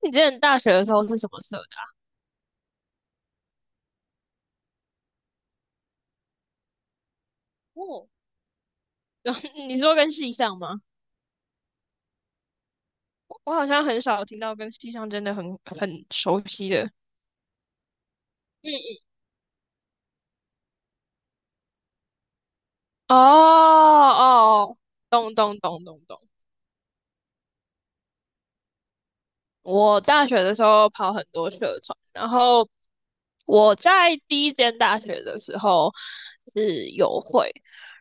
你之前大学的时候是什么社的？哦，然后 你说跟系上吗？我好像很少听到跟系上真的很熟悉的。嗯嗯，哦哦，懂懂懂懂懂。我大学的时候跑很多社团，然后我在第一间大学的时候是友会，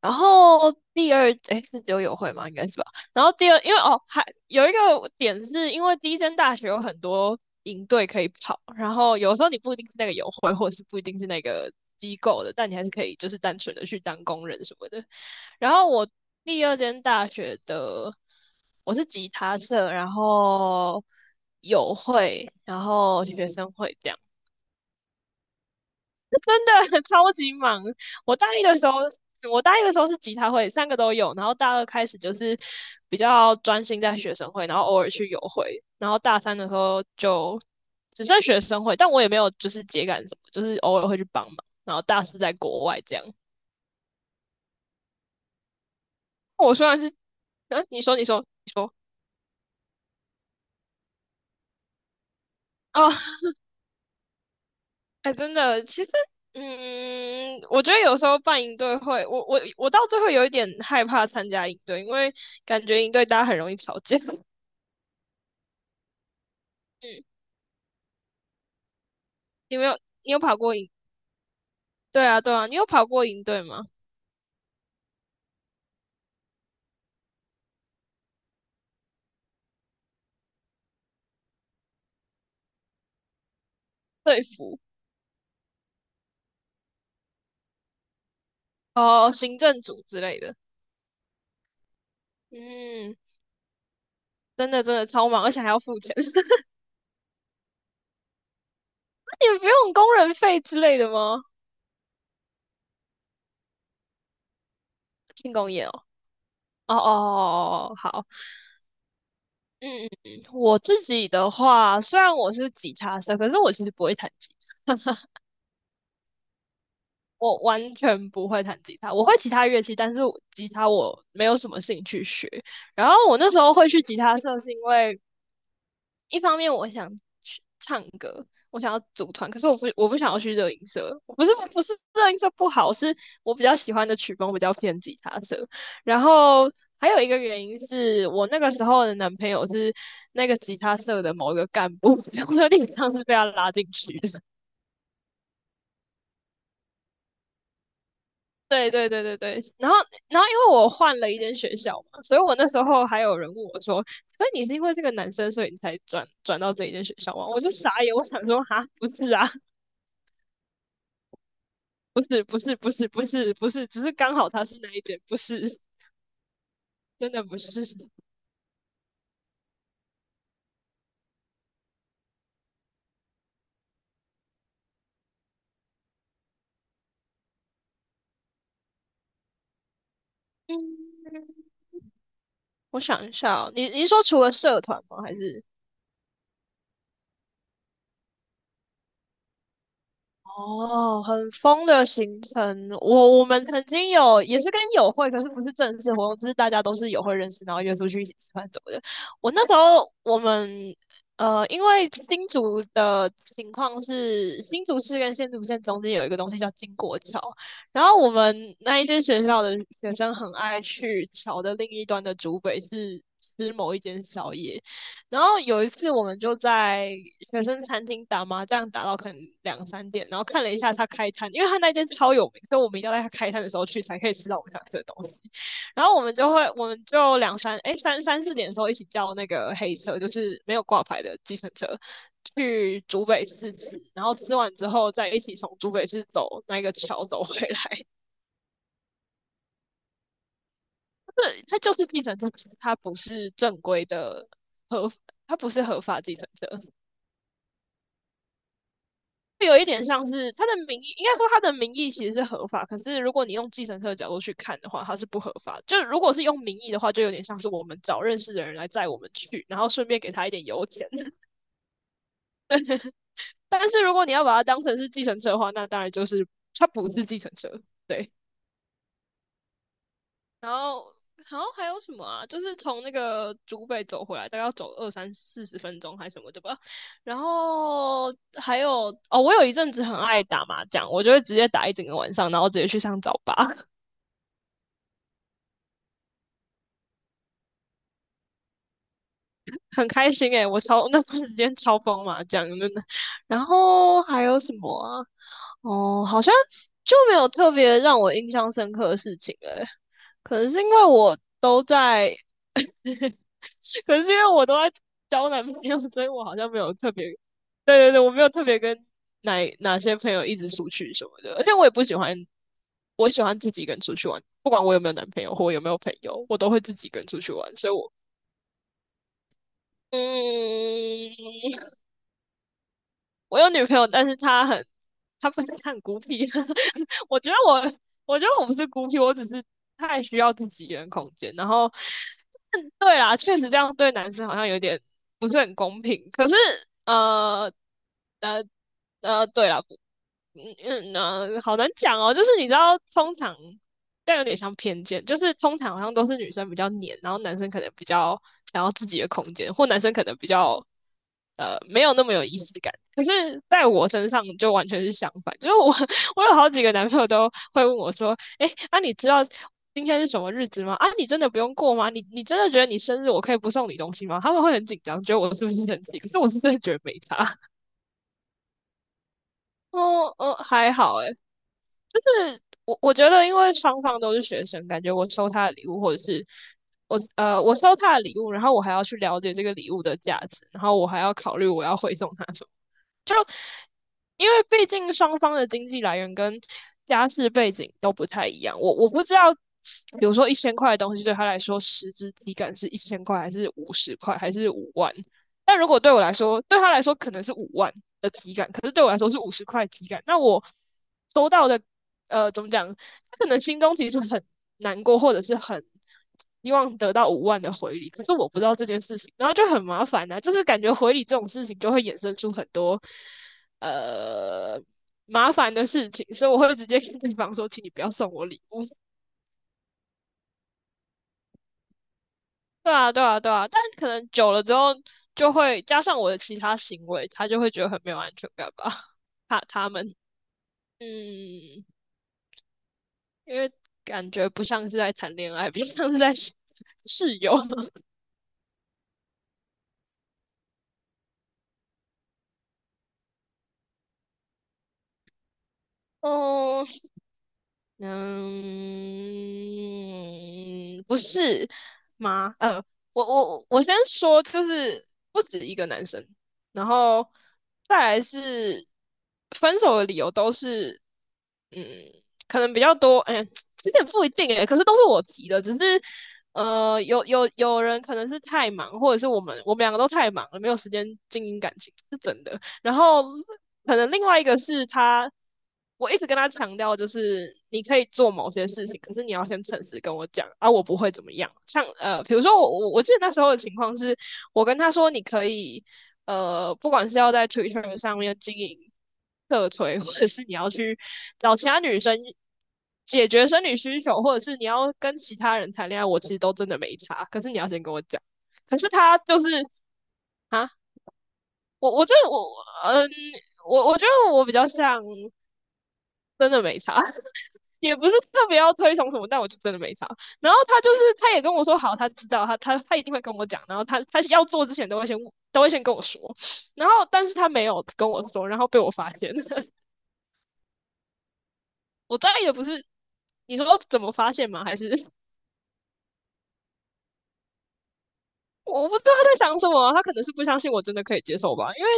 然后第二诶是只有友会吗？应该是吧。然后第二，因为哦还有一个点是因为第一间大学有很多营队可以跑，然后有时候你不一定是那个友会，或者是不一定是那个机构的，但你还是可以就是单纯的去当工人什么的。然后我第二间大学的我是吉他社，然后友会，然后学生会这样，真的 超级忙。我大一的时候，我大一的时候是吉他会，三个都有，然后大二开始就是比较专心在学生会，然后偶尔去友会，然后大三的时候就只剩学生会，但我也没有就是节感什么，就是偶尔会去帮忙，然后大四在国外这样。我虽然是，啊，你说，你说，你说。啊。哎，真的，其实，嗯，我觉得有时候办营队会，我到最后有一点害怕参加营队，因为感觉营队大家很容易吵架。嗯，你没有，你有跑过营？对啊，对啊，你有跑过营队吗？队服，哦，行政组之类的。嗯，真的真的超忙，而且还要付钱。你们不用工人费之类的吗？庆功宴哦。哦哦哦哦，哦哦好，嗯嗯嗯，嗯我自己的话，虽然我是吉他社，可是我其实不会弹吉他。我完全不会弹吉他，我会其他乐器，但是我吉他我没有什么兴趣学。然后我那时候会去吉他社，是因为一方面我想去唱歌，我想要组团，可是我不想要去热音社，我不是热音社不好，是我比较喜欢的曲风比较偏吉他社。然后还有一个原因是我那个时候的男朋友是那个吉他社的某一个干部，我有点像是被他拉进去的。对对对对对，然后因为我换了一间学校嘛，所以我那时候还有人问我说：“所以你是因为这个男生，所以你才转到这一间学校吗？”我就傻眼，我想说：“哈，不是啊，不是不是不是不是不是，只是刚好他是那一间，不是，真的不是。”嗯，我想一下哦，你是说除了社团吗？还是？哦，很疯的行程。我们曾经有也是跟友会，可是不是正式活动，就是大家都是友会认识，然后约出去一起吃饭什么的。我那时候我们因为新竹的情况是新竹市跟新竹县中间有一个东西叫经国桥，然后我们那一间学校的学生很爱去桥的另一端的竹北是吃某一间宵夜。然后有一次我们就在学生餐厅打麻将，打到可能两三点，然后看了一下他开摊，因为他那间超有名，所以我们一定要在他开摊的时候去才可以吃到我们想吃的东西。然后我们就会，我们就两三哎三三四点的时候一起叫那个黑车，就是没有挂牌的计程车，去竹北市吃，然后吃完之后再一起从竹北市走那个桥走回来。对，它就是计程车，可是它不是正规的合，它不是合法计程车。有一点像是他的名义，应该说他的名义其实是合法，可是如果你用计程车的角度去看的话，它是不合法。就如果是用名义的话，就有点像是我们找认识的人来载我们去，然后顺便给他一点油钱。但是如果你要把它当成是计程车的话，那当然就是它不是计程车。对，然后还有什么啊？就是从那个竹北走回来，大概要走二三四十分钟还是什么的吧。然后还有哦，我有一阵子很爱打麻将，我就会直接打一整个晚上，然后直接去上早八。很开心诶，那段时间超疯嘛，讲真的。然后还有什么啊？哦，好像是就没有特别让我印象深刻的事情诶，可能是因为我都在，可能是因为我都在交男朋友，所以我好像没有特别，对对对，我没有特别跟哪些朋友一直出去什么的，而且我也不喜欢，我喜欢自己一个人出去玩，不管我有没有男朋友或我有没有朋友，我都会自己一个人出去玩，所以我。嗯，我有女朋友，但是她很，她不是她很孤僻。我觉得我，我觉得我不是孤僻，我只是太需要自己一个人空间。然后，嗯对啦，确实这样对男生好像有点不是很公平。可是，呃，呃，对啦，不嗯好难讲哦。就是你知道，通常但有点像偏见，就是通常好像都是女生比较黏，然后男生可能比较想要自己的空间，或男生可能比较没有那么有仪式感。可是在我身上就完全是相反，就是我 我有好几个男朋友都会问我说，哎，啊你知道今天是什么日子吗？啊你真的不用过吗？你真的觉得你生日我可以不送你东西吗？他们会很紧张，觉得我是不是生气？可是我是真的觉得没差。哦哦还好诶，我觉得，因为双方都是学生，感觉我收他的礼物，或者是我收他的礼物，然后我还要去了解这个礼物的价值，然后我还要考虑我要回送他什么。就因为毕竟双方的经济来源跟家世背景都不太一样，我不知道，比如说一千块的东西对他来说实质体感是一千块，还是五十块，还是五万？但如果对我来说，对他来说可能是五万的体感，可是对我来说是五十块体感。那我收到的，怎么讲？他可能心中其实很难过，或者是很希望得到五万的回礼，可是我不知道这件事情，然后就很麻烦呐、就是感觉回礼这种事情就会衍生出很多呃麻烦的事情，所以我会直接跟对方说，请你不要送我礼物。对啊，对啊，对啊，但可能久了之后，就会加上我的其他行为，他就会觉得很没有安全感吧。他们，嗯，因为感觉不像是在谈恋爱，比较像是在 室友。哦，嗯，不是吗？我先说，就是不止一个男生，然后再来是分手的理由都是，嗯，可能比较多，哎、这点不一定哎、可是都是我提的，只是有人可能是太忙，或者是我们两个都太忙了，没有时间经营感情，是真的。然后可能另外一个是他，我一直跟他强调，就是你可以做某些事情，可是你要先诚实跟我讲啊，我不会怎么样。像比如说我记得那时候的情况是，我跟他说你可以不管是要在 Twitter 上面经营社推，或者是你要去找其他女生。解决生理需求，或者是你要跟其他人谈恋爱，我其实都真的没差。可是你要先跟我讲。可是他就是啊，我觉得我我觉得我比较像真的没差，也不是特别要推崇什么，但我就真的没差。然后他就是他也跟我说好，他知道他一定会跟我讲，然后他要做之前都会先都会先跟我说，然后但是他没有跟我说，然后被我发现了。我大概也不是你说怎么发现吗？还是 我不知道他在想什么啊，他可能是不相信我真的可以接受吧，因为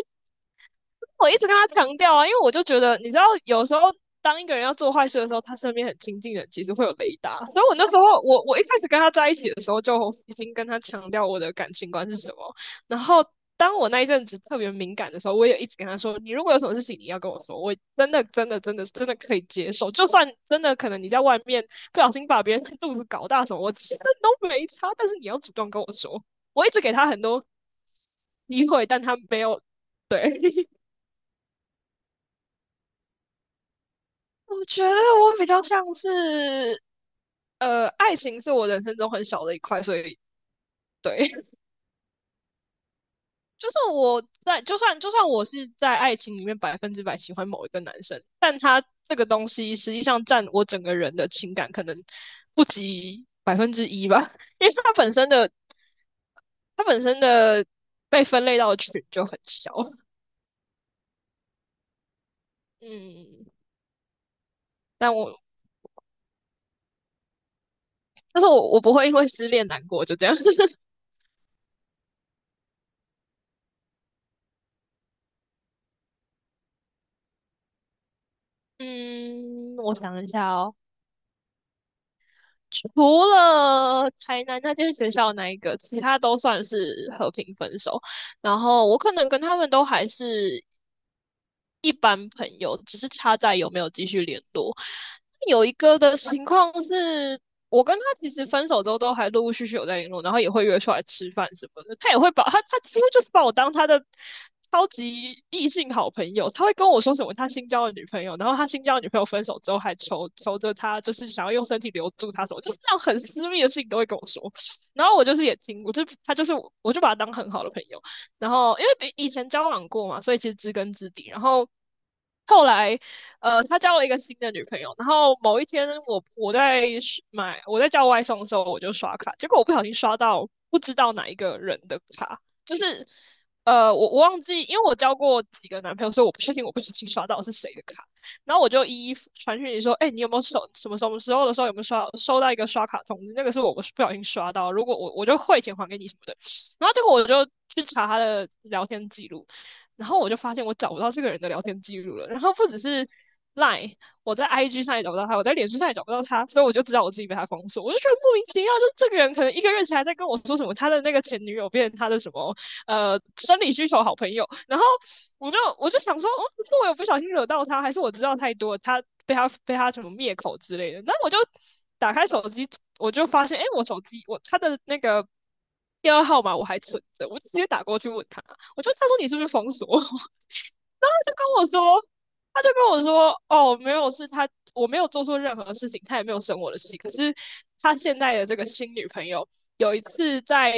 我一直跟他强调啊，因为我就觉得，你知道，有时候当一个人要做坏事的时候，他身边很亲近的人其实会有雷达。所以我那时候，我一开始跟他在一起的时候，就已经跟他强调我的感情观是什么。然后，当我那一阵子特别敏感的时候，我也一直跟他说，你如果有什么事情，你要跟我说，我真的可以接受，就算真的可能你在外面不小心把别人肚子搞大什么，我真的都没差，但是你要主动跟我说。我一直给他很多机会，但他没有对。我觉得我比较像是，爱情是我人生中很小的一块，所以对，就是我在，就算我是在爱情里面百分之百喜欢某一个男生，但他这个东西实际上占我整个人的情感可能不及百分之一吧，因为他本身的被分类到的群就很小，嗯，但我但是我不会因为失恋难过，就这样，嗯，我想一下哦。除了台南那间学校那一个，其他都算是和平分手。然后我可能跟他们都还是一般朋友，只是差在有没有继续联络。有一个的情况是，我跟他其实分手之后都还陆陆续续有在联络，然后也会约出来吃饭什么的。他也会把他几乎就是把我当他的超级异性好朋友。他会跟我说什么他新交的女朋友，然后他新交的女朋友分手之后还求求着他，就是想要用身体留住他什么，就是那种很私密的事情都会跟我说。然后我就是也听，我就把他当很好的朋友。然后因为比以前交往过嘛，所以其实知根知底。然后后来，他交了一个新的女朋友。然后某一天我，我在刷买我在叫外送的时候，我就刷卡，结果我不小心刷到不知道哪一个人的卡，就是我忘记，因为我交过几个男朋友，所以我不确定我不小心刷到是谁的卡。然后我就一一传讯息说，哎、你有没有收什么什么时候的时候有没有刷收到一个刷卡通知？那个是我不小心刷到，如果我就汇钱还给你什么的。然后结果我就去查他的聊天记录，然后我就发现我找不到这个人的聊天记录了。然后不只是赖，我在 IG 上也找不到他，我在脸书上也找不到他，所以我就知道我自己被他封锁。我就觉得莫名其妙，就这个人可能一个月前还在跟我说什么他的那个前女友变成他的什么生理需求好朋友，然后我就想说，哦，是我有不小心惹到他，还是我知道太多，他被他什么灭口之类的？那我就打开手机，我就发现，哎，我手机我他的那个电话号码我还存着，我就直接打过去问他，他说你是不是封锁我？就跟我说，他就跟我说，哦，没有，是他，我没有做错任何事情，他也没有生我的气。可是他现在的这个新女朋友，有一次在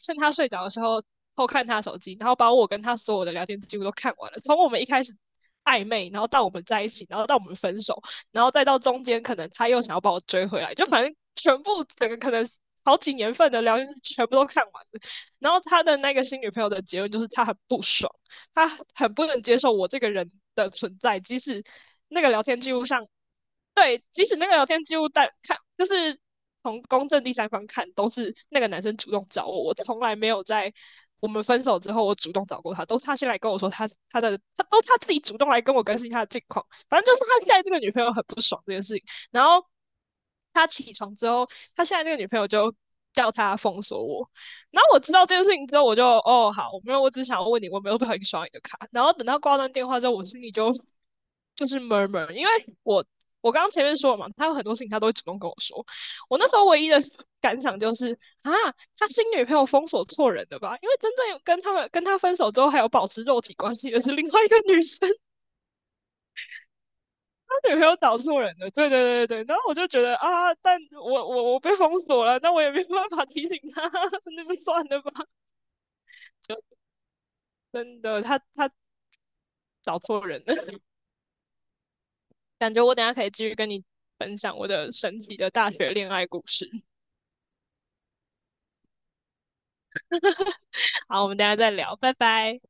趁他睡着的时候偷看他手机，然后把我跟他所有的聊天记录都看完了，从我们一开始。暧昧，然后到我们在一起，然后到我们分手，然后再到中间，可能他又想要把我追回来，就反正全部整个可能好几年份的聊天记录全部都看完了。然后他的那个新女朋友的结论就是他很不爽，他很不能接受我这个人的存在，即使那个聊天记录上对，即使那个聊天记录但看，就是从公正第三方看，都是那个男生主动找我，我从来没有在我们分手之后我主动找过他，都是他先来跟我说，他自己主动来跟我更新他的近况，反正就是他现在这个女朋友很不爽这件事情，然后他起床之后，他现在这个女朋友就。叫他封锁我，然后我知道这件事情之后，我就哦好，我没有，我只想要问你，我没有很喜刷你的卡。然后等到挂断电话之后，我心里就就是 murmur，因为我我刚刚前面说了嘛，他有很多事情他都会主动跟我说。我那时候唯一的感想就是啊，他新女朋友封锁错人了吧？因为真正有跟他们跟他分手之后还有保持肉体关系的是另外一个女生，他女朋友找错人了。对对对对对，然后我就觉得啊，但我被封锁了，那我也没办法提醒他，那就算了吧。就真的，他找错人了，感觉我等一下可以继续跟你分享我的神奇的大学恋爱故事。好，我们等一下再聊，拜拜。